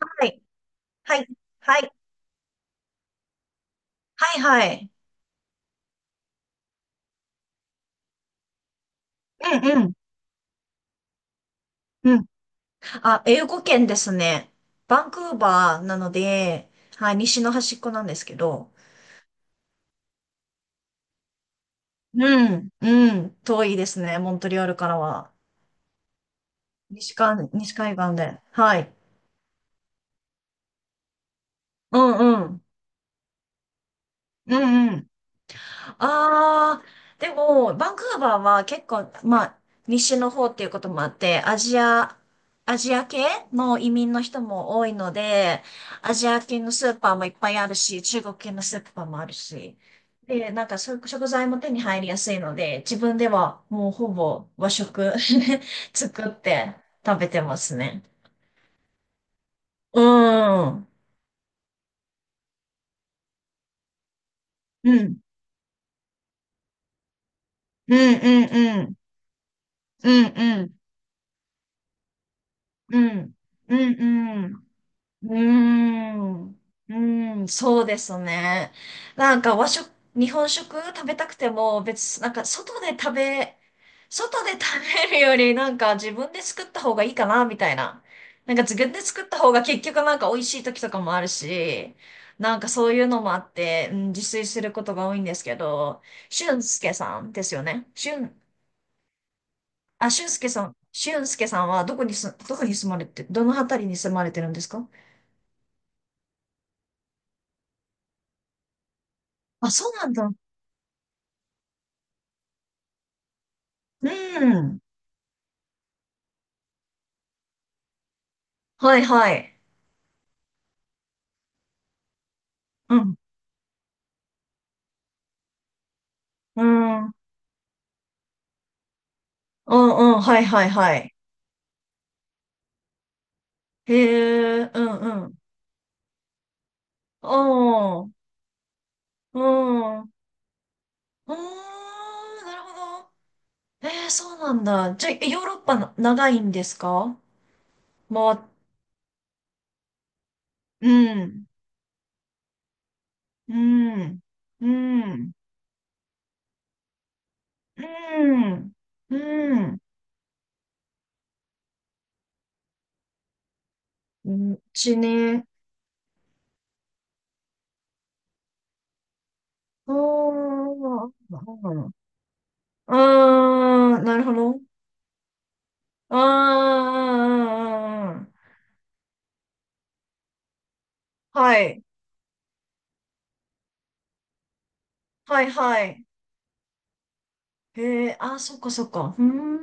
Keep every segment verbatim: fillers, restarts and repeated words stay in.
はい。はい。はい。はいはい。うんうん。うん。あ、英語圏ですね。バンクーバーなので、はい、西の端っこなんですけど。うん。うん。遠いですね、モントリオールからは。西か、西海岸で。はい。うんうん。うんうん。ああ、でも、バンクーバーは結構、まあ、西の方っていうこともあって、アジア、アジア系の移民の人も多いので、アジア系のスーパーもいっぱいあるし、中国系のスーパーもあるし、で、なんかそう食材も手に入りやすいので、自分ではもうほぼ和食 作って食べてますね。うん。うん。うんうんうん。うんうん。うん。うんうん。うーん。うーん、そうですね。なんか和食、日本食食べたくても別、なんか外で食べ、外で食べるよりなんか自分で作った方がいいかな、みたいな。なんか自分で作った方が結局なんか美味しい時とかもあるし、なんかそういうのもあって、うん、自炊することが多いんですけど、俊介さんですよね。俊、あ、俊介さん、俊介さんはどこにす、どこに住まれて、どの辺りに住まれてるんですか？あ、そうなんだ。うん。はいはい。うん。うん。うんうん。はいはいはい。へえ、うんうん。ああ、うん。うーん、なるほど。えー、そうなんだ。じゃあ、ヨーロッパな長いんですか？まあ、うん。うん。うん。うん。うん。うんちね。あーうん。うーん、なるほど。ああーはい。はいはい。へえ、あ、そっかそっか。うーん。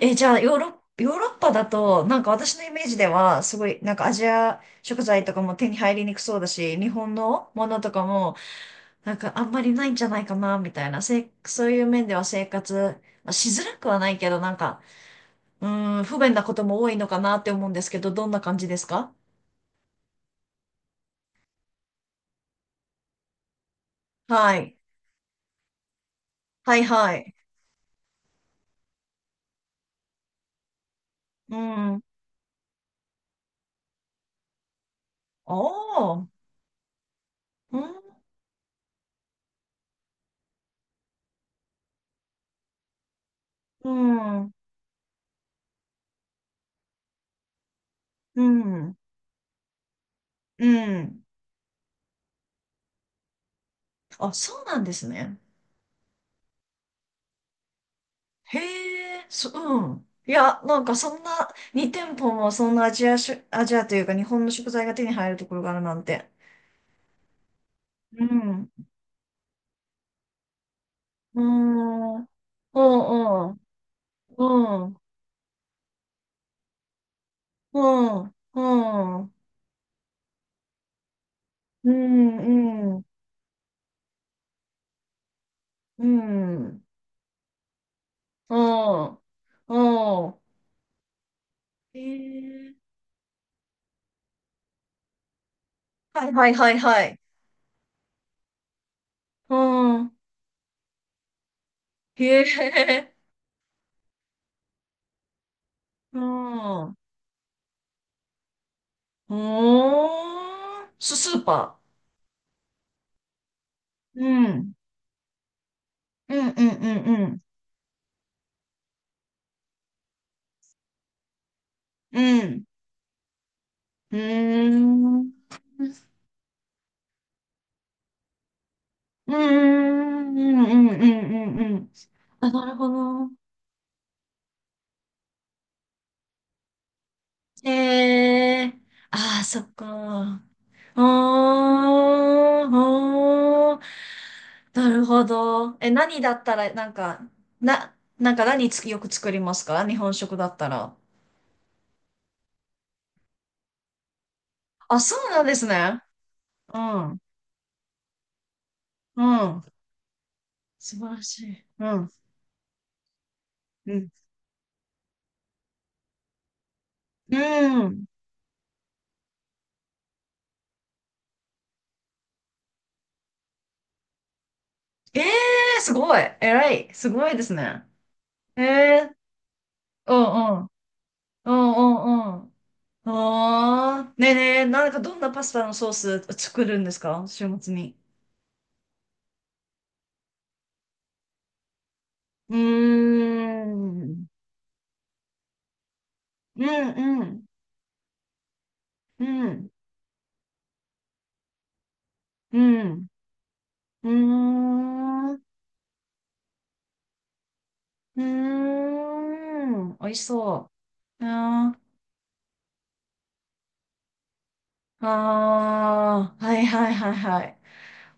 え、じゃあ、ヨーロッ、ヨーロッパだと、なんか私のイメージでは、すごい、なんかアジア食材とかも手に入りにくそうだし、日本のものとかも、なんかあんまりないんじゃないかな、みたいな。せ、そういう面では生活、まあ、しづらくはないけど、なんか、うーん、不便なことも多いのかなって思うんですけど、どんな感じですか？はい。はいはい。うん。おー。うん。うん。うん。うん。あ、そうなんですね。へえ、そ、うん。いや、なんかそんな、に店舗もそんなアジアし、アジアというか日本の食材が手に入るところがあるなんて。うん。うん。うん、うん。うん。うん。うん。うん。うん。うん。うん。へえ。はいはいはいはい。うん。へえ。うん。うーん。ス、スーパー。うん。うんうんうんうん。うん。うーん。うーんうんうんうんうん。あ、なるほど。へえー。ああ、そっか。おー、おー。なるほど。え、何だったら、なんか、な、なんか何つ、よく作りますか、日本食だったら？あ、そうなんですね。うん。うん。素晴らしい。うん。うん。うん。ええー、すごい。偉い。すごいですね。ええうんうん。うんうんうん。ああ。ねえねえ、なんかどんなパスタのソース作るんですか、週末に？うーん。うんうん。うん。うん。うーん。うーん。美味しそう。あーあー。はいはいはいはい。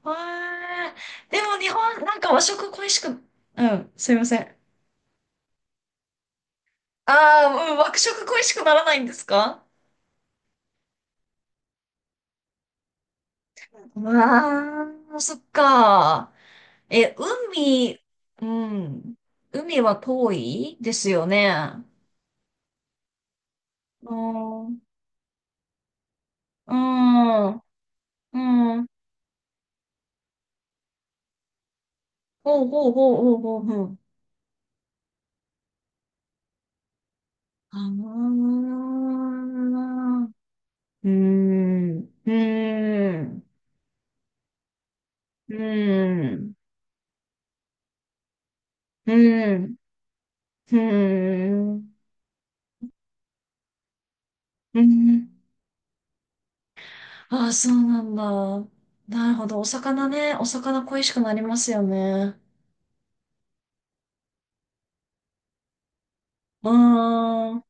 わー。でも日本、なんか和食恋しく、うん。すいません。ああ、うん、和食恋しくならないんですか？ああ、そっか。え、海、うん。海は遠いですよね。うん。うん。うん。ほうほうほうほうほうほう。ああ。うん。うん。うん。うん。うん。ああ、そうなんだ。なるほど。お魚ね。お魚恋しくなりますよね。うーん。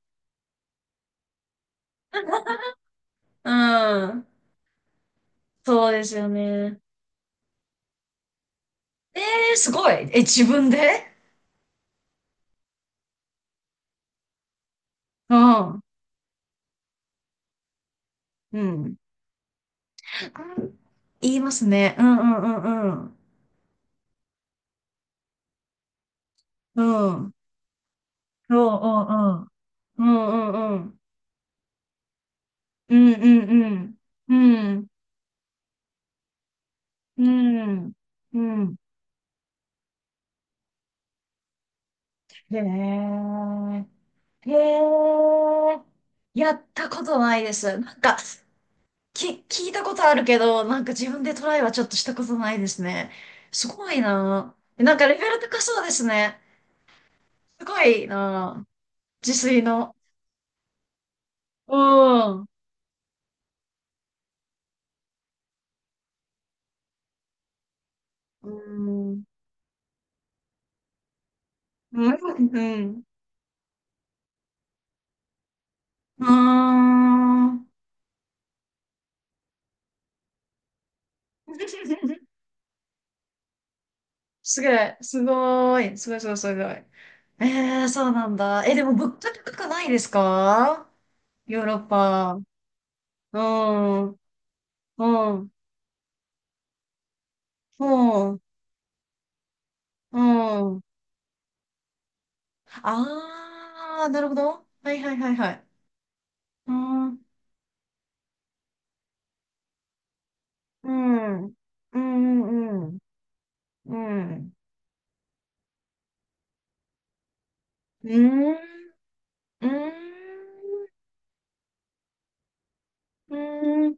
うん。そうですよね。えーすごい。え、自分で？うん。うん。言いますね。うんうんうんうん。うん。そう、うんうんうん。うんうんうん。うん。うん。うん。うんうん。へえ。へえ。やったことないです。なんか、き、聞いたことあるけど、なんか自分でトライはちょっとしたことないですね。すごいな。なんかレベル高そうですね。すごいな、自炊の。うん。うん。うん。うん。うーん。すごい、すごい、すごい、すごい、すごい。えー、そうなんだ。え、でも物価高くないですか、ヨーロッパ？うん、うん、うん、うん。あー、なるほど。はいはいはいはい。うん、うん、うん、うん、うん。うん、うん。うーん。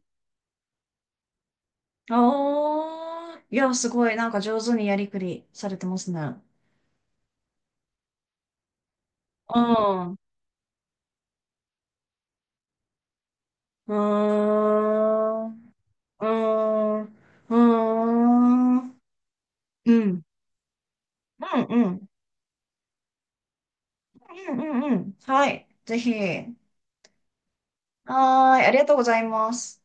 ああ。いや、すごい。なんか上手にやりくりされてますね。うん。うーん。うーん。うーん。うん。うん。うん。うん。うん。うんはい。ぜひ。はーい。ありがとうございます。